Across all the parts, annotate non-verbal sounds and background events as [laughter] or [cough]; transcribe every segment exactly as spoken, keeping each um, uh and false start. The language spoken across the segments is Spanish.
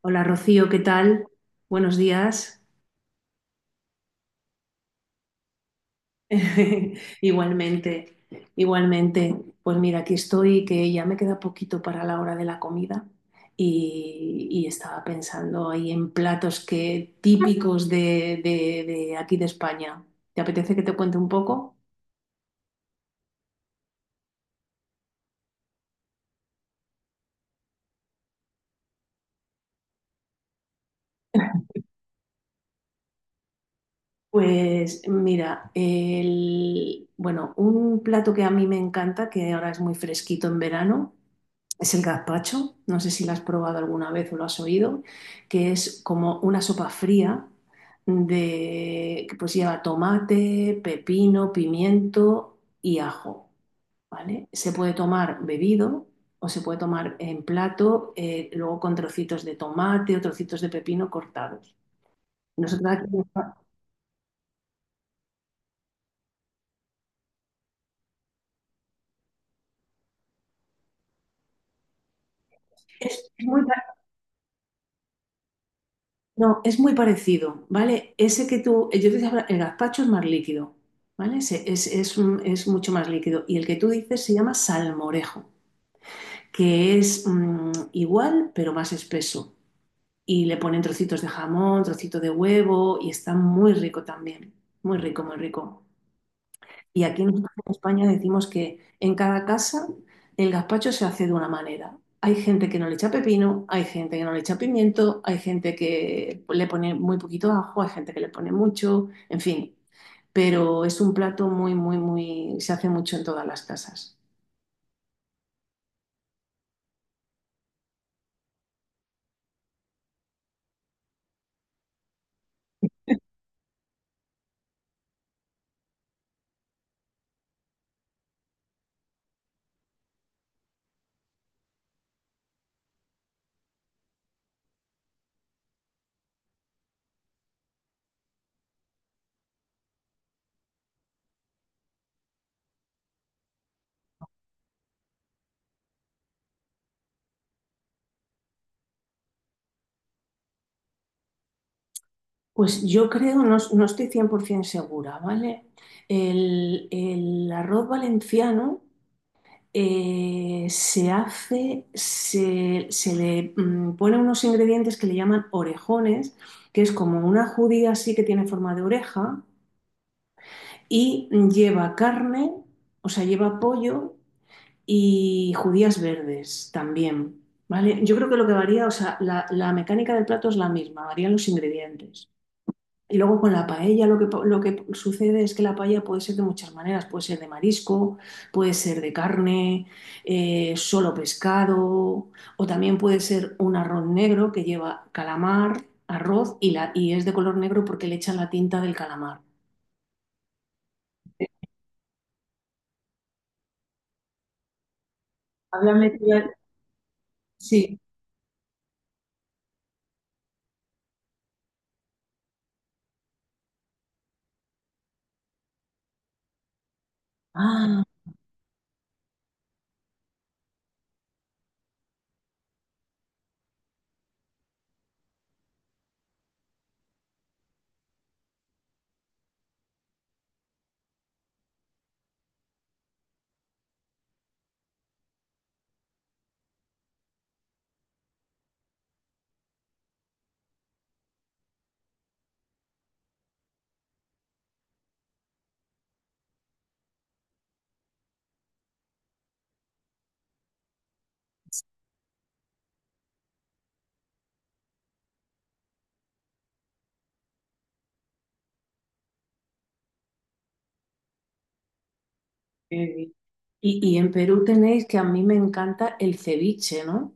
Hola Rocío, ¿qué tal? Buenos días. [laughs] Igualmente, igualmente. Pues mira, aquí estoy, que ya me queda poquito para la hora de la comida y, y estaba pensando ahí en platos que, típicos de, de- de aquí de España. ¿Te apetece que te cuente un poco? Pues mira, el, bueno, un plato que a mí me encanta, que ahora es muy fresquito en verano, es el gazpacho. No sé si lo has probado alguna vez o lo has oído, que es como una sopa fría de, que pues lleva tomate, pepino, pimiento y ajo, ¿vale? Se puede tomar bebido o se puede tomar en plato, eh, luego con trocitos de tomate o trocitos de pepino cortados. Nosotros aquí- es, es muy No, es muy parecido, ¿vale? Ese que tú, yo te decía, el gazpacho es más líquido, ¿vale? Ese Es, es, un- es mucho más líquido. Y el que tú dices se llama salmorejo, que es mm, igual, pero más espeso. Y le ponen trocitos de jamón, trocito de huevo, y está muy rico también. Muy rico, muy rico. Y aquí nosotros en España decimos que en cada casa el gazpacho se hace de una manera. Hay gente que no le echa pepino, hay gente que no le echa pimiento, hay gente que le pone muy poquito ajo, hay gente que le pone mucho, en fin. Pero es un plato muy, muy, muy, se hace mucho en todas las casas. Pues yo creo, no, no estoy cien por ciento segura, ¿vale? El, el arroz valenciano Eh, se hace, se, se le mm, pone unos ingredientes que le llaman orejones, que es como una judía así que tiene forma de oreja y lleva carne, o sea, lleva pollo y judías verdes también, ¿vale? Yo creo que lo que varía, o sea, la, la mecánica del plato es la misma, varían los ingredientes. Y luego con la paella lo que, po- lo que sucede es que la paella puede ser de muchas maneras. Puede ser de marisco, puede ser de carne, eh, solo pescado, o también puede ser un arroz negro que lleva calamar, arroz y, la, y es de color negro porque le echan la tinta del calamar. Háblame tú de- Sí. Ah, qué bien. Y, y en Perú tenéis que a mí me encanta el ceviche, ¿no?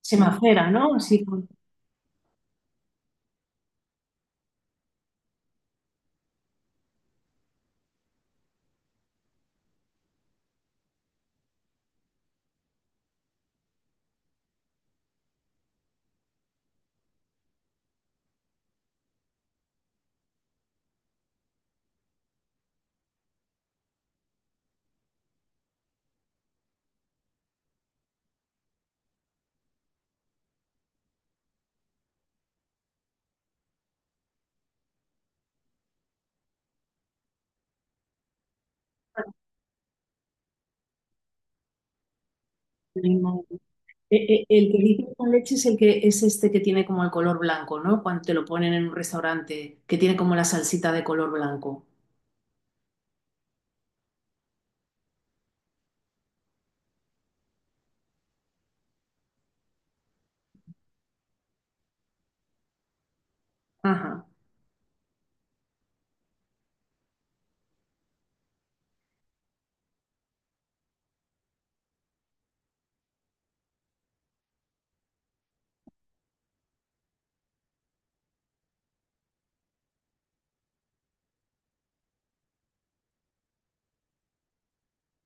Se macera, ¿no? Así con limón. E- e- El que dices con leche es el que es este que tiene como el color blanco, ¿no? Cuando te lo ponen en un restaurante, que tiene como la salsita de color blanco. Ajá.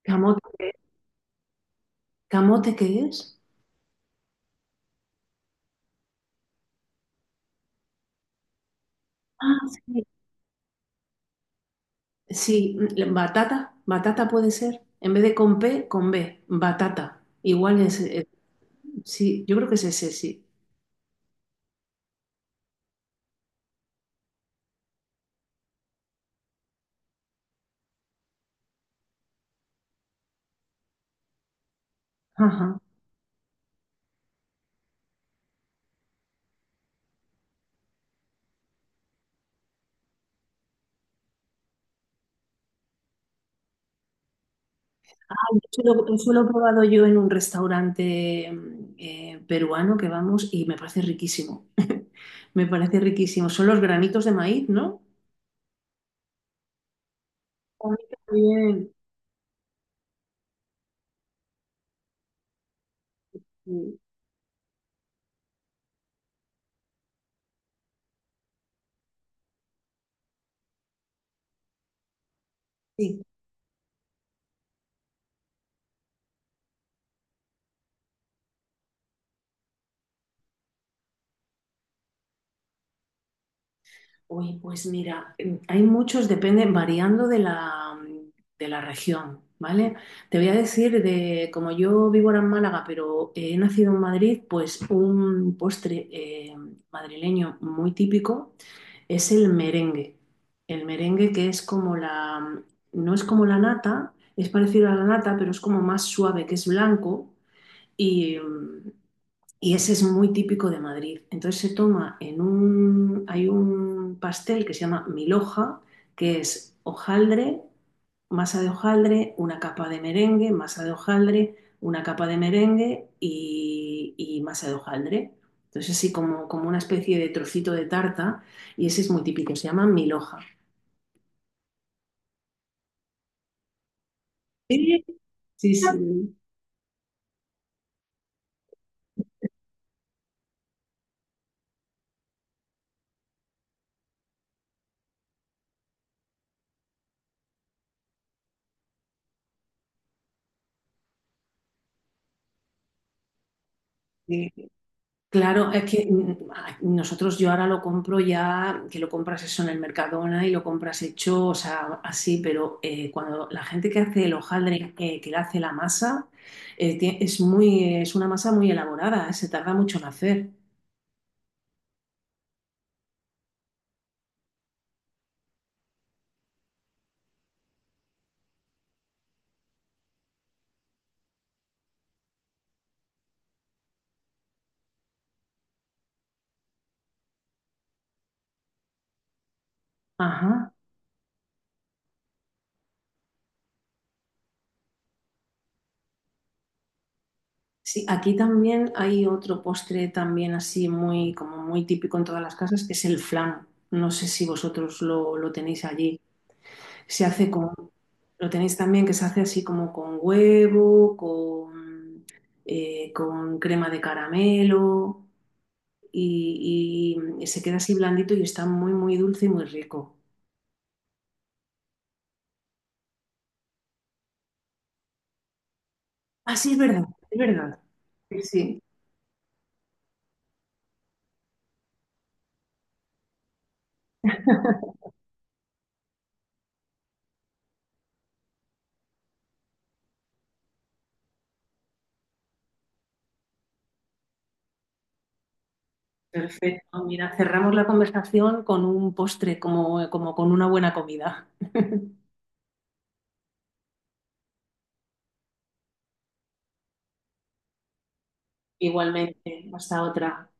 ¿Camote ¿Camote qué es? Ah, sí. Sí, mm, batata, batata puede ser. En vez de con P, con B, batata. Igual es, eh, sí, yo creo que es ese, sí. Ajá. Eso lo, eso lo he probado yo en un restaurante mm, eh, peruano que vamos y me parece riquísimo. [laughs] Me parece riquísimo. Son los granitos de maíz, ¿no? A mí también. Sí. Sí. Oye, pues mira, eh, hay muchos, depende, variando de la, de la región, ¿vale? Te voy a decir de, como yo vivo ahora en Málaga, pero he nacido en Madrid, pues un postre eh, madrileño muy típico es el merengue. El merengue que es como la, no es como la nata, es parecido a la nata, pero es como más suave, que es blanco y, mm, y ese es muy típico de Madrid. Entonces se toma en un... Hay un pastel que se llama milhoja, que es hojaldre, masa de hojaldre, una capa de merengue, masa de hojaldre, una capa de merengue y, y masa de hojaldre. Entonces así como, como una especie de trocito de tarta y ese es muy típico, se llama milhoja. Sí, sí, sí. Claro, es que mm, a- nosotros yo ahora lo compro ya, que lo compras eso en el Mercadona y lo compras hecho, o sea, así, pero eh, cuando la gente que hace el hojaldre, eh, que le hace la masa, eh, tie- es muy, es una masa muy elaborada, eh, se tarda mucho en hacer. Ajá. Sí, aquí también hay otro postre también así muy, como muy típico en todas las casas, que es el flan. No sé si vosotros lo, lo tenéis allí. Se hace con, lo tenéis también que se hace así como con huevo, con, eh, con crema de caramelo y, y- se queda así blandito y está muy, muy dulce y muy rico. Ah, sí, es verdad, es verdad. Sí, sí, perfecto. Mira, cerramos la conversación con un postre, como, como con una buena comida. Igualmente, hasta otra.